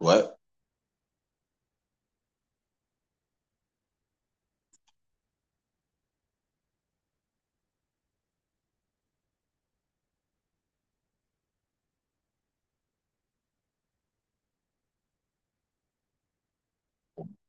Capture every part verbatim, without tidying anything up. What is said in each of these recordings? Ouais,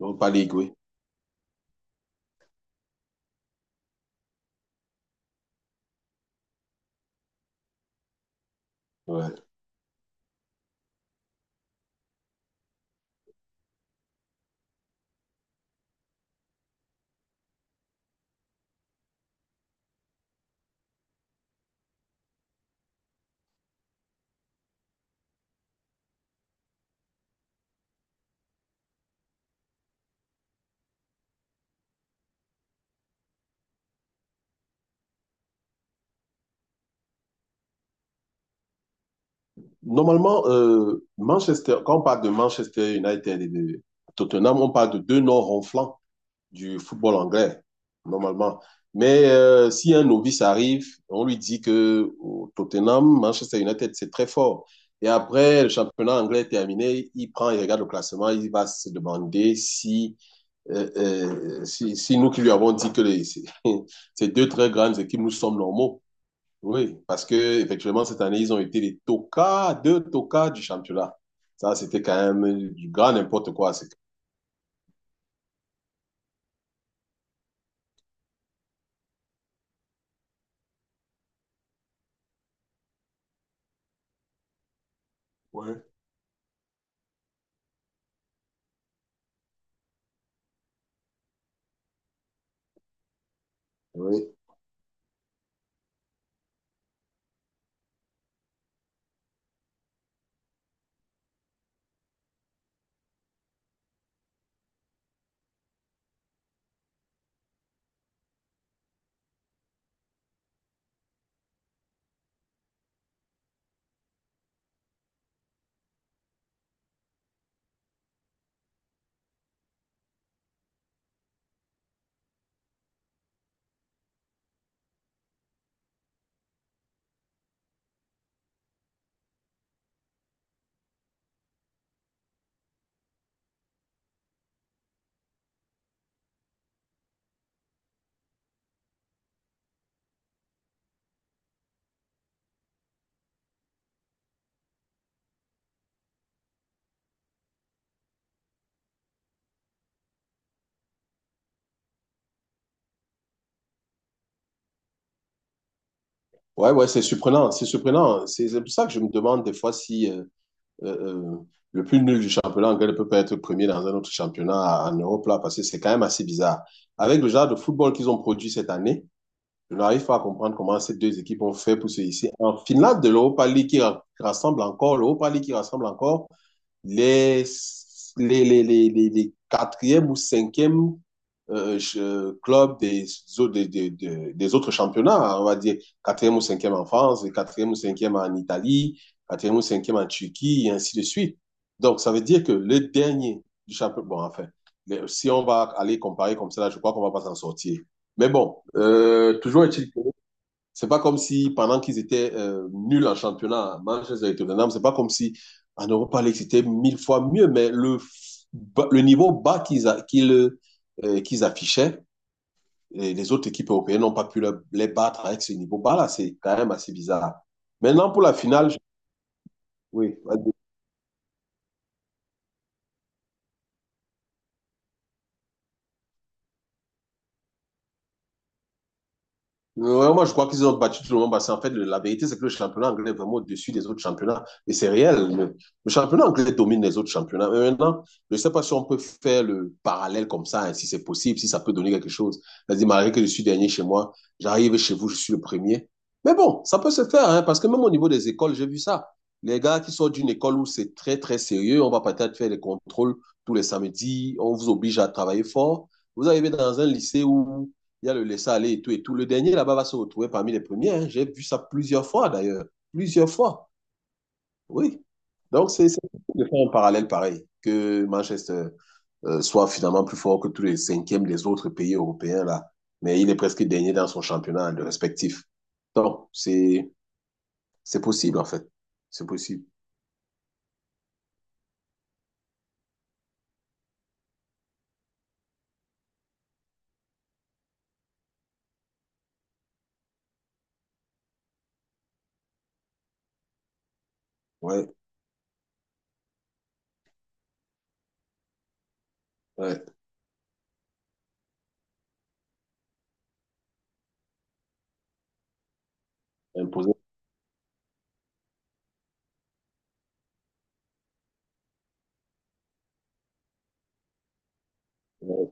donc pas League, oui. Ouais. Normalement, euh, Manchester, quand on parle de Manchester United et de Tottenham, on parle de deux noms ronflants du football anglais, normalement. Mais euh, si un novice arrive, on lui dit que au Tottenham, Manchester United, c'est très fort. Et après, le championnat anglais est terminé, il prend, il regarde le classement, il va se demander si, euh, euh, si, si nous qui lui avons dit que les- ces deux très grandes équipes, nous sommes normaux. Oui, parce que effectivement cette année, ils ont été les tocards, deux tocards du championnat. Ça, c'était quand même du grand n'importe quoi. C'est- Ouais. Oui. Ouais, ouais, c'est surprenant, c'est surprenant. C'est c'est pour ça que je me demande des fois si euh, euh, euh, le plus nul du championnat anglais ne peut pas être premier dans un autre championnat en Europe, là, parce que c'est quand même assez bizarre. Avec le genre de football qu'ils ont produit cette année, je n'arrive pas à comprendre comment ces deux équipes ont fait pour se hisser en finale de l'Europa League qui rassemble encore, l'Europa League qui rassemble encore les, les, les, les, les- les quatrième ou cinquième euh, club des, au- des, des- des- des autres championnats, on va dire quatrième ou cinquième en France, quatrième ou cinquième en Italie, quatrième ou cinquième en Turquie, et ainsi de suite. Donc, ça veut dire que le dernier du championnat, bon, enfin, le- si on va aller comparer comme ça, là, je crois qu'on ne va pas s'en sortir. Mais bon, euh, toujours est-il que c'est pas comme si pendant qu'ils étaient euh, nuls en championnat, à Manchester et Tottenham, c'est pas comme si en Europa League c'était mille fois mieux, mais le, le niveau bas qu'ils a- qu'ils euh, qu'ils affichaient, et les autres équipes européennes n'ont pas pu le- les battre avec ce niveau bas-là. C'est quand même assez bizarre. Maintenant, pour la finale, je- oui, vas-y. Ouais, moi, je crois qu'ils ont battu tout le monde parce qu'en fait, le- la vérité, c'est que le championnat anglais est vraiment au-dessus des autres championnats. Et c'est réel. Le, le championnat anglais domine les autres championnats. Mais maintenant, je ne sais pas si on peut faire le parallèle comme ça, hein, si c'est possible, si ça peut donner quelque chose. C'est-à-dire, malgré que je suis dernier chez moi, j'arrive chez vous, je suis le premier. Mais bon, ça peut se faire, hein, parce que même au niveau des écoles, j'ai vu ça. Les gars qui sortent d'une école où c'est très, très sérieux, on va peut-être faire des contrôles tous les samedis, on vous oblige à travailler fort. Vous arrivez dans un lycée où il y a le laisser aller et tout et tout. Le dernier là-bas va se retrouver parmi les premiers. Hein. J'ai vu ça plusieurs fois d'ailleurs, plusieurs fois. Oui. Donc c'est c'est difficile de faire un parallèle pareil que Manchester euh, soit finalement plus fort que tous les cinquièmes des autres pays européens là, mais il est presque dernier dans son championnat le respectif. Donc c'est c'est possible en fait, c'est possible. Ouais, ouais. Imposer. Ouais.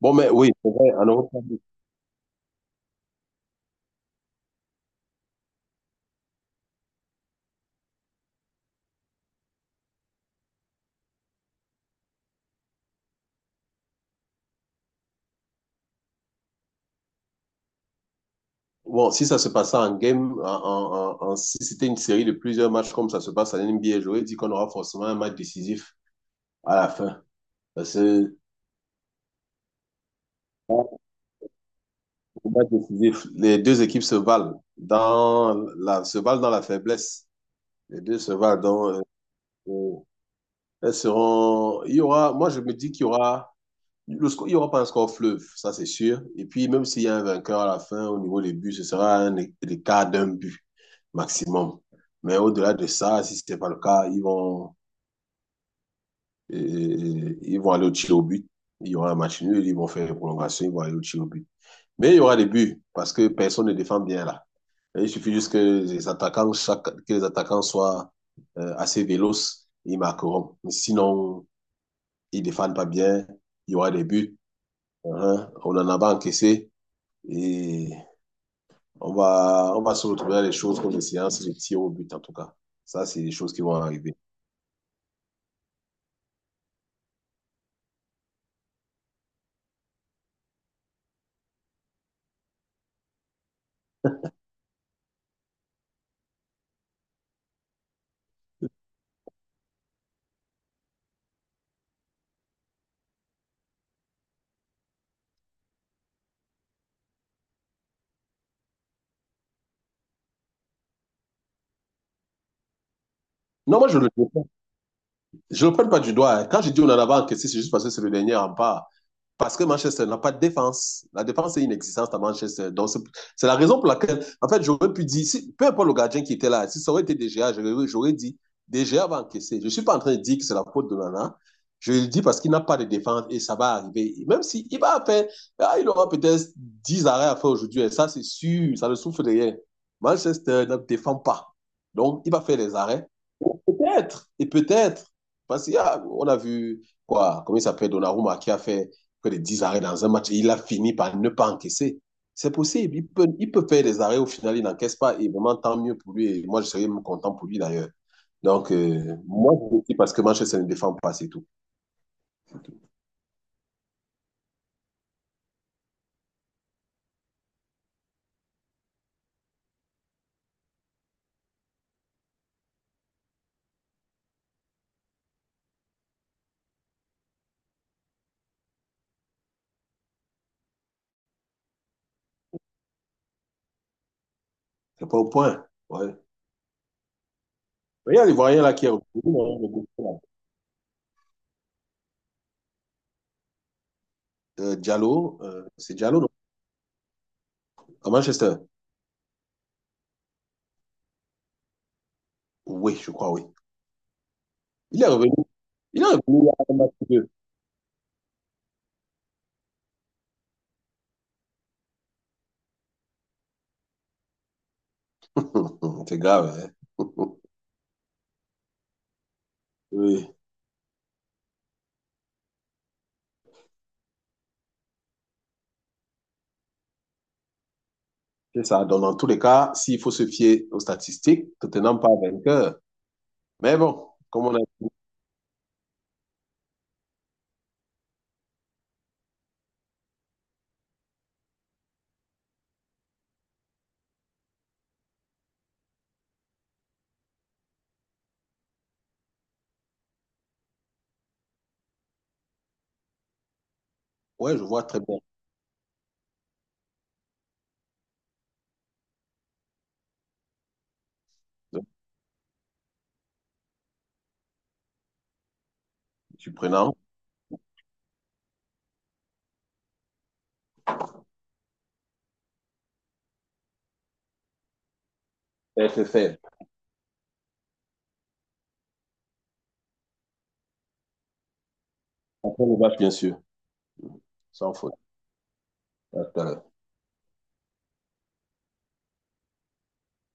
Bon mais oui, c'est vrai, en Europe, bon, si ça se passait en game, en, en- en- en- si c'était une série de plusieurs matchs comme ça se passe en N B A, j'aurais dit qu'on aura forcément un match décisif à la fin. Parce que un match décisif, les deux équipes se valent dans la, se valent dans la faiblesse. Les deux se valent dans, euh, euh, elles seront, il y aura, moi je me dis qu'il y aura Le score- il n'y aura pas un score fleuve, ça c'est sûr. Et puis, même s'il y a un vainqueur à la fin, au niveau des buts, ce sera un é- écart d'un but maximum. Mais au-delà de ça, si ce n'est pas le cas, ils vont, euh, ils vont aller au tir au but. Il y aura un match nul, ils vont faire une prolongation, ils vont aller au tir au but. Mais il y aura des buts parce que personne ne défend bien là. Et il suffit juste que les attaquants, chaque- que les attaquants soient euh, assez véloces, ils marqueront. Mais sinon, ils ne défendent pas bien, il y aura des buts. Hein. On en a pas encaissé. Et on va, on va se retrouver à des choses comme des séances de tir au but, en tout cas. Ça, c'est des choses qui vont arriver. Non, moi, je ne le, je le prends pas du doigt. Hein. Quand je dis on en a encaissé, c'est juste parce que c'est le dernier rempart. Parce que Manchester n'a pas de défense. La défense est inexistante à Manchester. Donc, c'est la raison pour laquelle, en fait, j'aurais pu dire, si, peu importe le gardien qui était là, si ça aurait été D G A, j'aurais dit, D G A va encaisser. Je ne suis pas en train de dire que c'est la faute de Nana. Je le dis parce qu'il n'a pas de défense et ça va arriver. Et même s'il si va faire, ah, il aura peut-être dix arrêts à faire aujourd'hui. Et ça, c'est sûr, ça le souffle derrière. Manchester ne défend pas. Donc, il va faire des arrêts. Peut-être, et peut-être. Parce qu'on a, a vu, quoi, comment il s'appelle, Donnarumma, qui a fait que les dix arrêts dans un match et il a fini par ne pas encaisser. C'est possible. Il peut, il peut faire des arrêts, au final, il n'encaisse pas. Et vraiment, tant mieux pour lui. Et moi, je serais même content pour lui d'ailleurs. Donc, euh, moi, je le dis parce que Manchester ne défend pas, c'est tout. C'est pas au point. Ouais. Mais il y a l'Ivoirien là qui est revenu, hein, le gars, là. Euh, Diallo, euh, c'est Diallo, non? À Manchester. Oui, je crois, oui. Il est revenu. Il est revenu il y a un match ou deux. C'est grave, hein? Oui, c'est ça. Donc, dans tous les cas, s'il faut se fier aux statistiques, Tottenham pas vainqueur. Mais bon, comme on a ouais, je vois très bien. Je suis prenant. F F L. Après le match, bien sûr. Sans faute. À tout à l'heure.